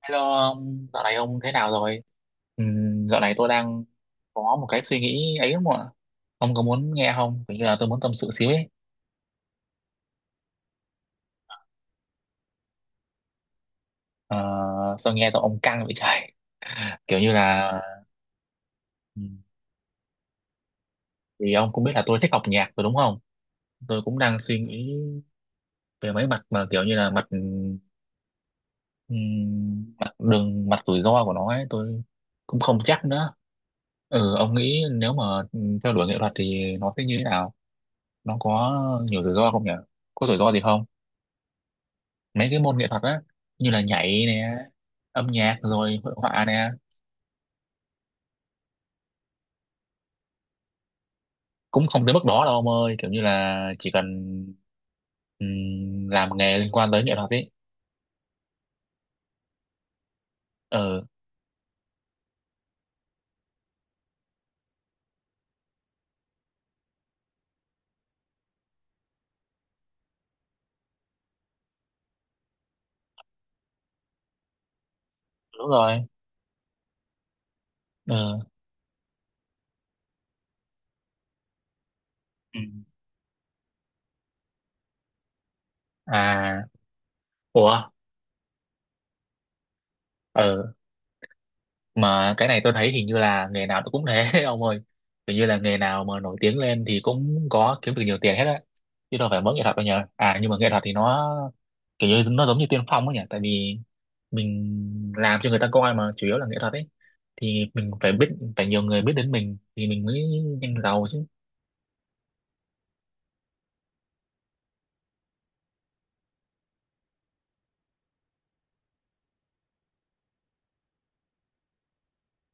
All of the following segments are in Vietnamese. Hello ông, dạo này ông thế nào rồi? Dạo này tôi đang có một cái suy nghĩ ấy không ạ? Ông có muốn nghe không? Kiểu như là tôi muốn tâm sự xíu ấy. Ờ, sao nghe giọng ông căng vậy trời? Kiểu như là ừm, vì ông cũng biết là tôi thích học nhạc rồi đúng không? Tôi cũng đang suy nghĩ về mấy mặt mà kiểu như là mặt mặt đường mặt rủi ro của nó ấy, tôi cũng không chắc nữa. Ừ, ông nghĩ nếu mà theo đuổi nghệ thuật thì nó sẽ như thế nào? Nó có nhiều rủi ro không nhỉ? Có rủi ro gì không? Mấy cái môn nghệ thuật á, như là nhảy nè, âm nhạc rồi hội họa nè. Cũng không tới mức đó đâu ông ơi, kiểu như là chỉ cần làm nghề liên quan tới nghệ thuật ấy. Ừ, đúng rồi. Ừ. Ừ. À. Ủa. Ừ, mà cái này tôi thấy hình như là nghề nào nó cũng thế ông ơi. Hình như là nghề nào mà nổi tiếng lên thì cũng có kiếm được nhiều tiền hết á, chứ đâu phải mỗi nghệ thuật đâu nhờ. À nhưng mà nghệ thuật thì nó kiểu như nó giống như tiên phong ấy nhỉ, tại vì mình làm cho người ta coi mà chủ yếu là nghệ thuật ấy, thì mình phải biết, phải nhiều người biết đến mình thì mình mới nhanh giàu chứ.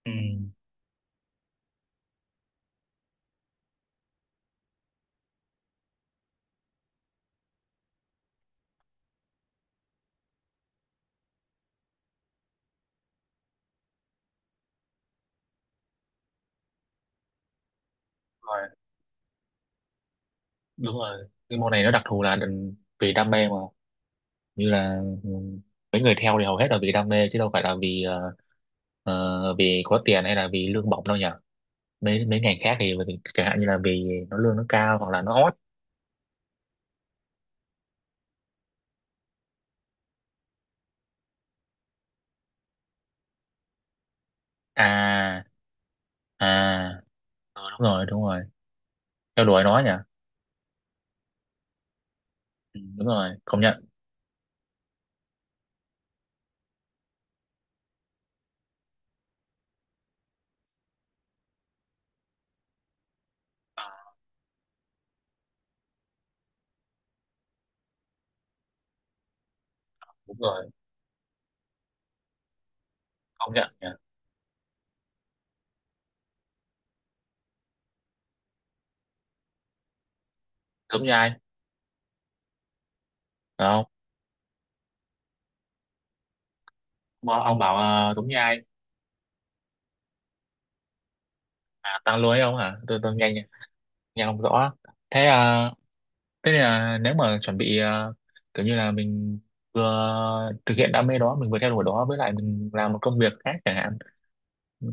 Ừ. Rồi, đúng rồi, cái môn này nó đặc thù là đừng- vì đam mê mà, như là ừ, mấy người theo thì hầu hết là vì đam mê chứ đâu phải là vì vì có tiền hay là vì lương bổng đâu nhỉ. Mấy mấy ngành khác thì vì- chẳng hạn như là vì nó lương nó cao hoặc là nó hot. À. À. Ừ, đúng rồi, đúng rồi, theo đuổi nó nhỉ. Ừ, đúng rồi công nhận. Đúng rồi, công nhận nhỉ. Giống như ai, phải không? Ông bảo giống như ai? À, tăng lưới ông hả? Tôi nghe, nghe không rõ. Thế thế là nếu mà chuẩn bị kiểu như là mình vừa thực hiện đam mê đó, mình vừa theo đuổi đó với lại mình làm một công việc khác chẳng hạn. Ừ.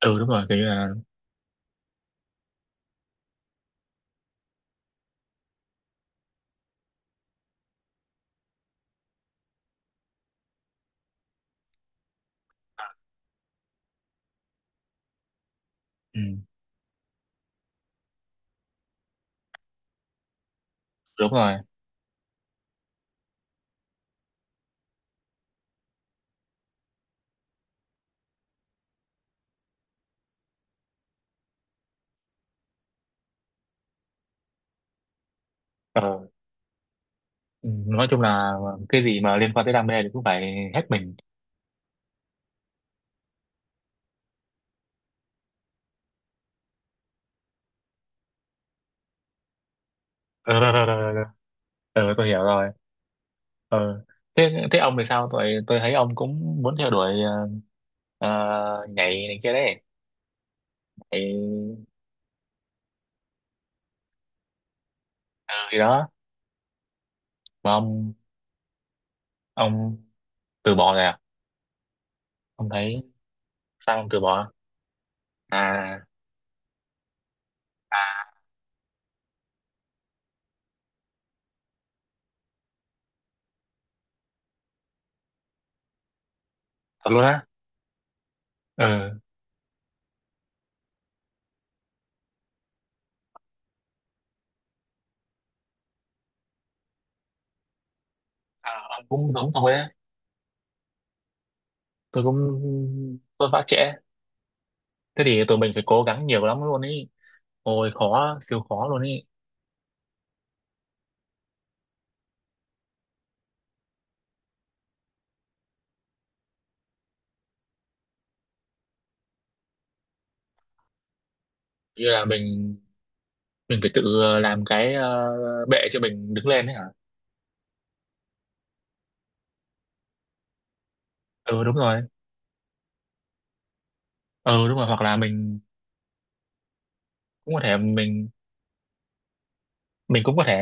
Ừ, đúng rồi, kiểu như là ừ, đúng rồi. Ờ, ừ, nói chung là cái gì mà liên quan tới đam mê thì cũng phải hết mình. Ờ, rồi, rồi, rồi, rồi. Ờ, tôi hiểu rồi. Ờ. Thế, thế ông thì sao? Tôi thấy ông cũng muốn theo đuổi nhảy này kia đấy, nhảy gì đó mà ông từ bỏ rồi à? Ông thấy sao ông từ bỏ? À, thật luôn á? Ờ. À. Ờ, cũng giống tôi á. Tôi cũng tôi phá trễ. Thế thì tụi mình phải cố gắng nhiều lắm luôn ý, ôi khó siêu khó luôn ý. Như là mình phải tự làm cái bệ cho mình đứng lên đấy hả? Ừ, đúng rồi. Ừ đúng rồi, hoặc là mình cũng có thể mình cũng có thể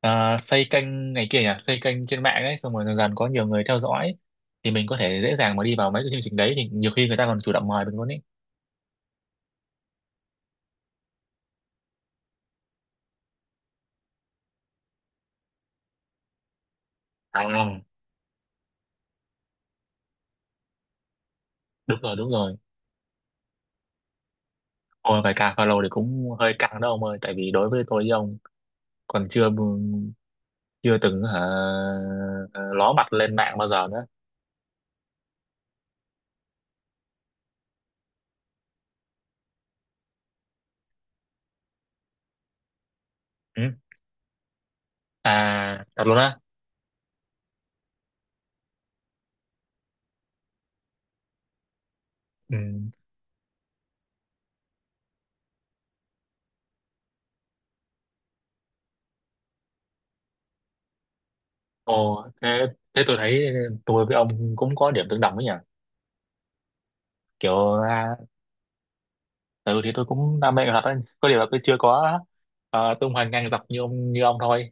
ờ, xây kênh này kia nhỉ, xây kênh trên mạng ấy, xong rồi dần dần có nhiều người theo dõi thì mình có thể dễ dàng mà đi vào mấy cái chương trình đấy, thì nhiều khi người ta còn chủ động mời mình luôn ý. À, đúng rồi, đúng rồi. Ôi bài ca follow thì cũng hơi căng đó ông ơi, tại vì đối với tôi với ông còn chưa, chưa từng hả, ló mặt lên mạng bao giờ nữa. Ừ. À thật luôn á. Ừ. Ồ thế, thế tôi thấy tôi với ông cũng có điểm tương đồng ấy nhỉ, kiểu à, ừ thì tôi cũng đam mê nghệ thuật ấy, có điều là tôi chưa có tung hoành ngang dọc như ông, thôi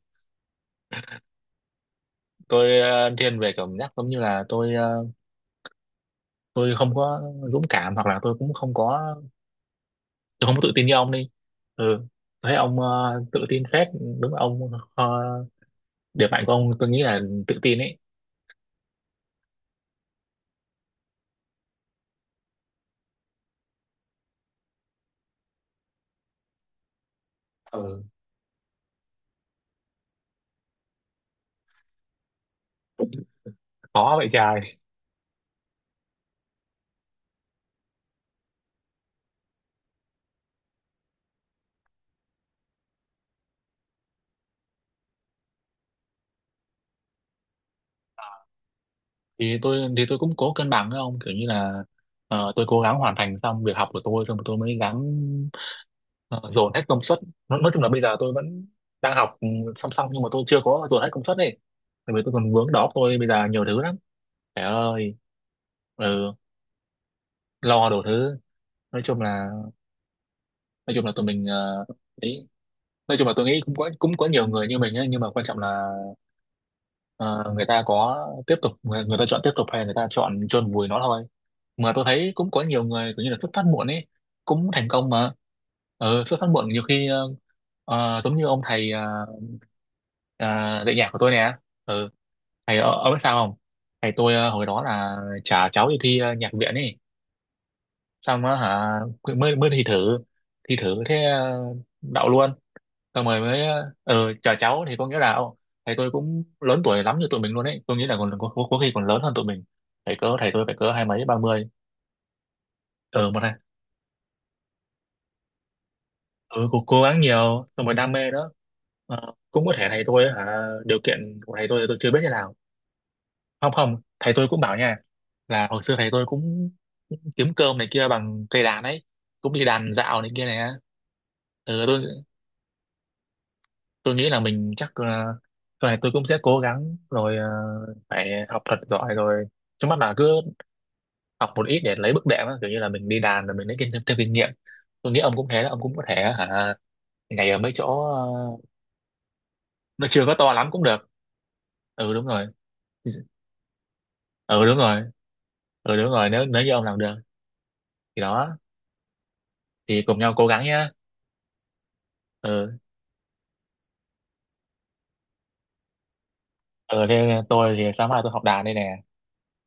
tôi thiên về cảm giác giống như là tôi tôi không có dũng cảm, hoặc là tôi cũng không có, tôi không có tự tin như ông đi. Ừ, tôi thấy ông tự tin phết. Đúng là ông ờ, điểm mạnh của ông tôi nghĩ là tự tin ấy. Ừ. Khó vậy trời. Thì tôi cũng cố cân bằng với ông kiểu như là tôi cố gắng hoàn thành xong việc học của tôi xong rồi tôi mới gắng ờ, dồn hết công suất. Nói chung là bây giờ tôi vẫn đang học ừ, song song, nhưng mà tôi chưa có dồn hết công suất ấy, tại vì tôi còn vướng đó, tôi bây giờ nhiều thứ lắm. Trời ơi. Ừ, lo đủ thứ. Nói chung là nói chung là tụi mình ấy. Nói chung là tôi nghĩ cũng có, cũng có nhiều người như mình ấy, nhưng mà quan trọng là ờ, người ta có tiếp tục, người ta chọn tiếp tục hay người ta chọn chôn vùi nó thôi. Mà tôi thấy cũng có nhiều người kiểu như là xuất phát muộn ấy cũng thành công mà. Ừ, xuất phát muộn nhiều khi giống như ông thầy ờ, dạy nhạc của tôi nè. Ừ, thầy ông biết sao không, thầy tôi hồi đó là trả cháu đi thi nhạc viện ấy. Xong á hả, mới mới thi thử, thi thử thế đậu luôn. Xong rồi mới ờ chào cháu thì có nghĩa là ô, thầy tôi cũng lớn tuổi lắm như tụi mình luôn ấy, tôi nghĩ là còn có khi còn lớn hơn tụi mình. Thầy cỡ, thầy tôi phải cỡ hai mấy ba mươi. Ờ một này. Ừ cố gắng nhiều xong rồi đam mê đó. Ờ, cũng có thể thầy tôi hả, điều kiện của thầy tôi thì tôi chưa biết như nào. Không không, thầy tôi cũng bảo nha, là hồi xưa thầy tôi cũng kiếm cơm này kia bằng cây đàn ấy, cũng đi đàn dạo này kia này á. Ừ, tôi nghĩ là mình chắc là sau này tôi cũng sẽ cố gắng rồi phải học thật giỏi rồi, trước mắt là cứ học một ít để lấy bước đệm á, kiểu như là mình đi đàn rồi mình lấy kinh thêm, thêm kinh nghiệm. Tôi nghĩ ông cũng thế đó, ông cũng có thể hả ngày ở mấy chỗ nó chưa có to lắm cũng được. Ừ đúng rồi. Ừ đúng rồi. Ừ đúng rồi, nếu nếu như ông làm được thì đó, thì cùng nhau cố gắng nhá. Ừ. Ừ thế tôi thì sáng mai tôi học đàn đây nè.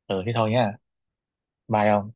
Ừ thế thôi nhá, bye ông.